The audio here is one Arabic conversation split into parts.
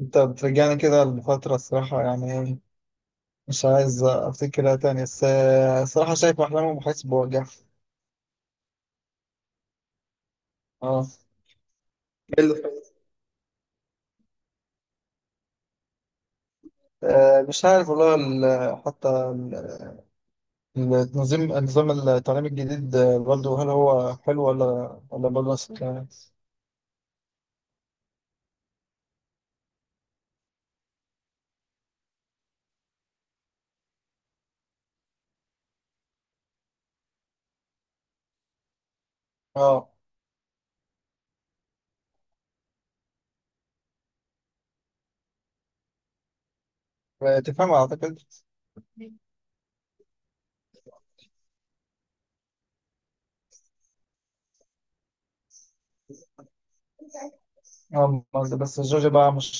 انت بترجعني كده لفترة الصراحة يعني ايه مش عايز افتكرها تاني بس الصراحة شايف احلامهم وحاسس بوجع. اه. ايه اللي حصل؟ مش عارف والله حتى النظام التعليمي الجديد، برضه هل هو حلو ولا ولا برضه نفس الكلام؟ اه. تفهم اعتقد. اه. بس جورجيا بقى مش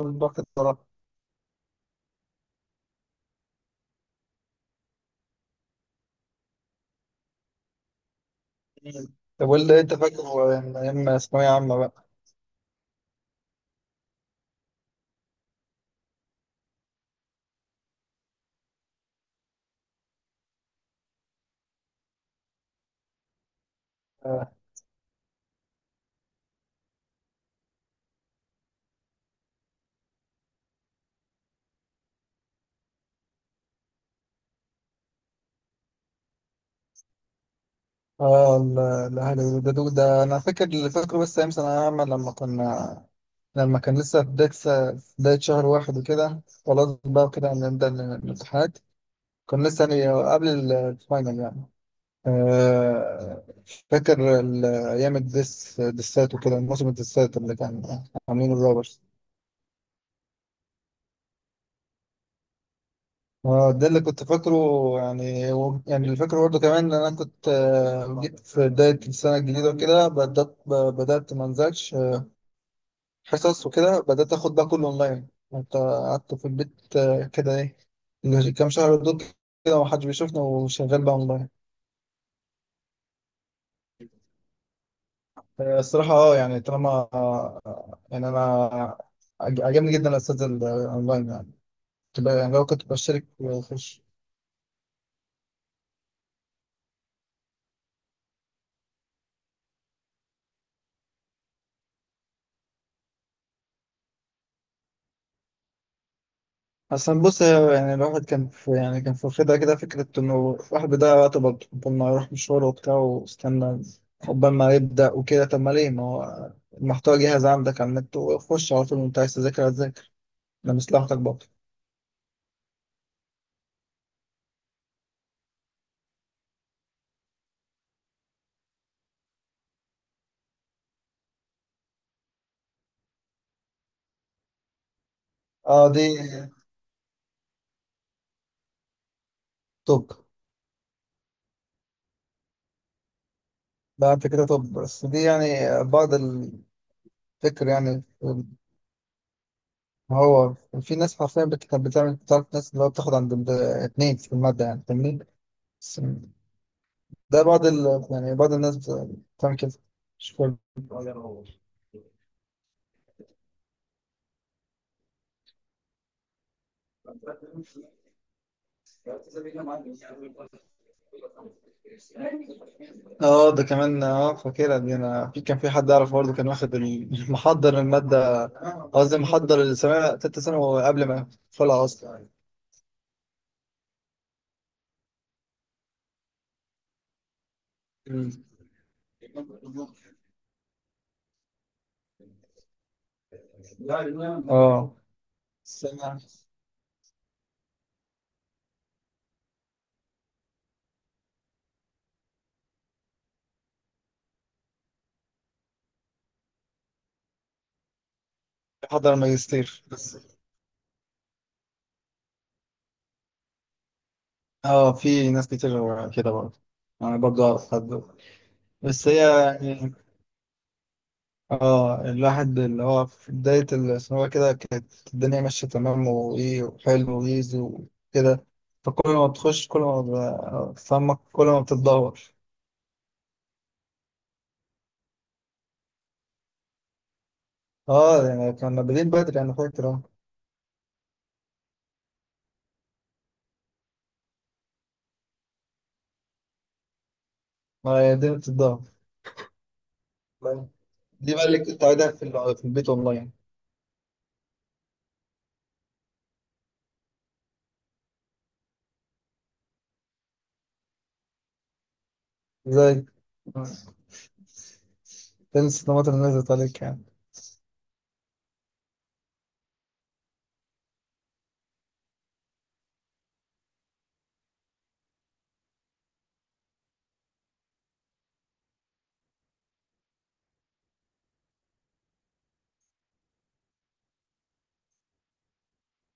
مش ضغط الصراحة. طب واللي انت فاكره من ايام ثانوية عامة بقى؟ آه. اه الاهلي ده انا فاكر اللي فاكره بس ايام ثانوية عامة لما كان لسه في بداية في بداية شهر واحد وكده خلاص بقى كده نبدأ الامتحانات. كنا لسه يعني قبل الفاينل يعني. آه، فاكر أيام دسات وكده موسم الدسات اللي كان عاملينه الروبرز. اه ده اللي كنت فاكره. يعني يعني اللي فاكره برضه كمان ان انا كنت جيت في بداية السنة الجديدة وكده بدأت ما انزلش حصص وكده بدأت آخد ده كله أونلاين. كنت قعدت في البيت كده إيه إنه كام شهر دول كده ومحدش بيشوفنا وشغال بقى أونلاين. الصراحة يعني طالما يعني أنا عجبني جدا الأستاذ الأونلاين يعني تبقى يعني لو كنت بشترك وأخش. أصلا بص، يعني الواحد كان في يعني كان في واخدها كده فكرة إنه الواحد بيضيع وقته برضه قبل ما يروح مشوار وبتاع واستنى قبل ما يبدأ وكده. طب ما ليه، ما هو المحتوى جاهز عندك على النت وخش على طول وانت عايز تذاكر، لمصلحتك برضه. اه دي. طب لا انت كده، طب بس دي يعني بعض الفكر يعني. ما هو في ناس حرفيا كانت بتعرف ناس اللي هو بتاخد عند اتنين في المادة يعني فاهمني. بس ده بعض يعني بعض الناس بتعمل كده، مش كل. اه ده كمان اه فاكرها دي، انا في كان في حد اعرف برضه كان واخد محضر المادة. قصدي محضر السنة تالتة ثانوي قبل ما يدخلها اصلا. اه. السنة محضر الماجستير. اه في ناس كتير كده برضه. انا برضه اعرف حد. بس هي يعني اه الواحد اللي هو في بداية الثانوية كده كانت الدنيا ماشية تمام وايه وحلو ويزي وكده. فكل ما بتخش كل ما بتتعمق كل ما بتتدهور. اه يعني كنا بادئين بدري، انا فاكر اه. ما هي الدنيا بتتدهور. دي بقى اللي كنت قاعدها في في البيت اونلاين. ازاي تنسى الطماطم اللي نزلت عليك يعني؟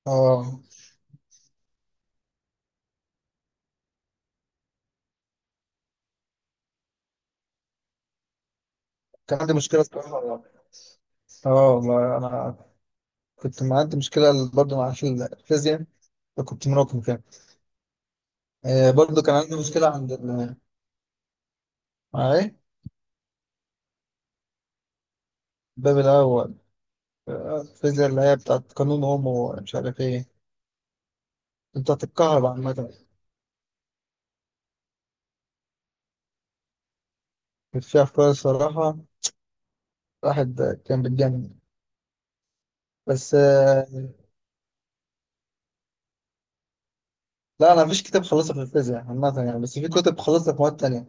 اه، كان عندي مشكلة الصراحة. اه والله انا كنت معدي مشكلة برضه في الفيزياء، كنت مراكم كده. برضه كان عندي مشكلة عند مع إيه؟ الباب الأول. الفيزياء اللي هي بتاعت قانون أوم ومش عارف إيه، بتاعت الكهرباء عامة. كانت فيها أفكار الصراحة، الواحد كان بيتجنن. بس لا أنا مفيش كتاب خلصته في الفيزياء عامة يعني، بس في كتب خلصتها في مواد تانية.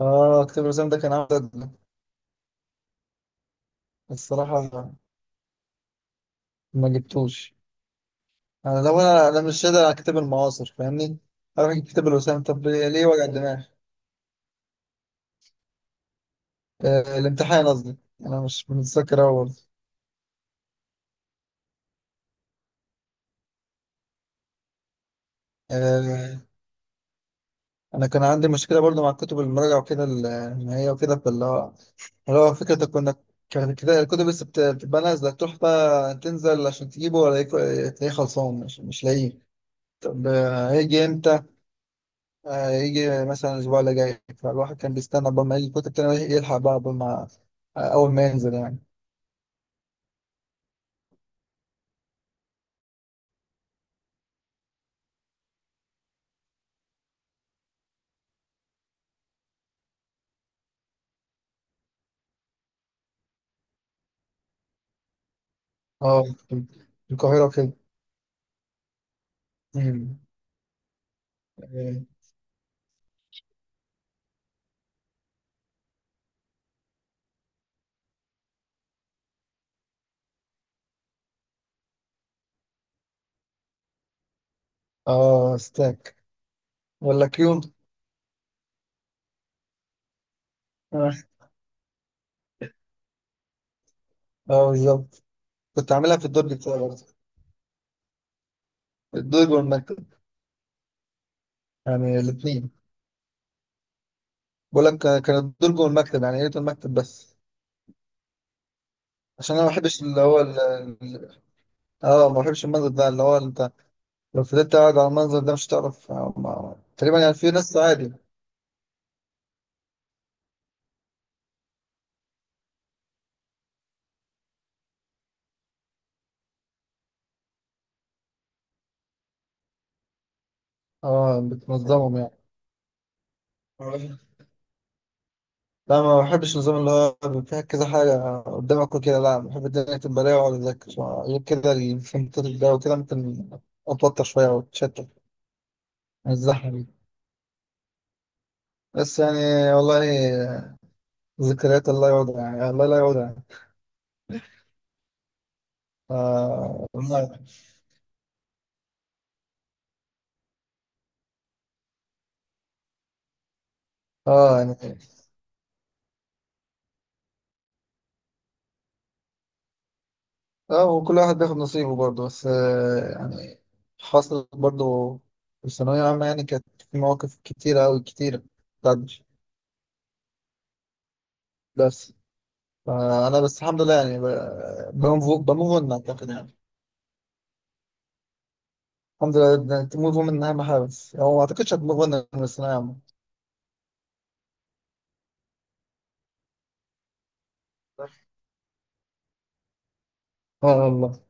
آه، كتاب الرسام ده كان عامل ضجة. بس الصراحة ما جبتوش. أنا لو أنا مش قادر على كتاب المعاصر فاهمني؟ أروح أجيب كتاب الرسام طب ليه وجع الدماغ؟ الامتحان قصدي انا مش متذكر أوي برضه. آه، انا كان عندي مشكله برضه مع الكتب المراجعه وكده النهائيه وكده، فاللي هو اللي هو فكره كنا، كانت كده الكتب بس بتبقى نازله، تروح بقى تنزل عشان تجيبه ولا تلاقيه خلصان، مش لاقيه. طب هيجي امتى؟ هيجي مثلا الاسبوع اللي جاي، فالواحد كان بيستنى قبل ما يجي الكتب كان يلحق بقى قبل ما اول ما ينزل يعني. اه في القاهره وكده. مم. اه ستاك ولا كيو؟ اه بالظبط. كنت عاملها في الدرج بتاعي برضه. الدرج والمكتب. يعني الاثنين. بقول لك كان الدرج والمكتب، يعني يا ريت المكتب بس. عشان انا ما بحبش اللي هو ال- اه ما بحبش المنظر ده اللي هو انت، لو فضلت قاعد على المنظر ده مش هتعرف تقريبا، يعني في ناس عادي. اه بتنظمهم. يعني لا، ما بحبش النظام اللي هو فيها كذا حاجة قدامك وكده، لا بحب الدنيا تبقى رايقة وأقعد أذاكر. غير كده الفنتات ده وكده ممكن أتوتر شوية وأتشتت من الزحمة دي. بس يعني والله، ذكريات الله يعودها، يعني الله لا يعودها. آه والله. اه يعني. اه، وكل واحد بياخد نصيبه برضه، بس يعني حصلت برضه في الثانوية العامة، يعني كانت في مواقف كتيرة أوي كتيرة بتعدي. بس فأنا بس الحمد لله يعني. بموف أون أعتقد يعني. الحمد لله تموف أون من أهم حاجة، بس هو ما أعتقدش هتموف أون من الثانوية العامة. آه والله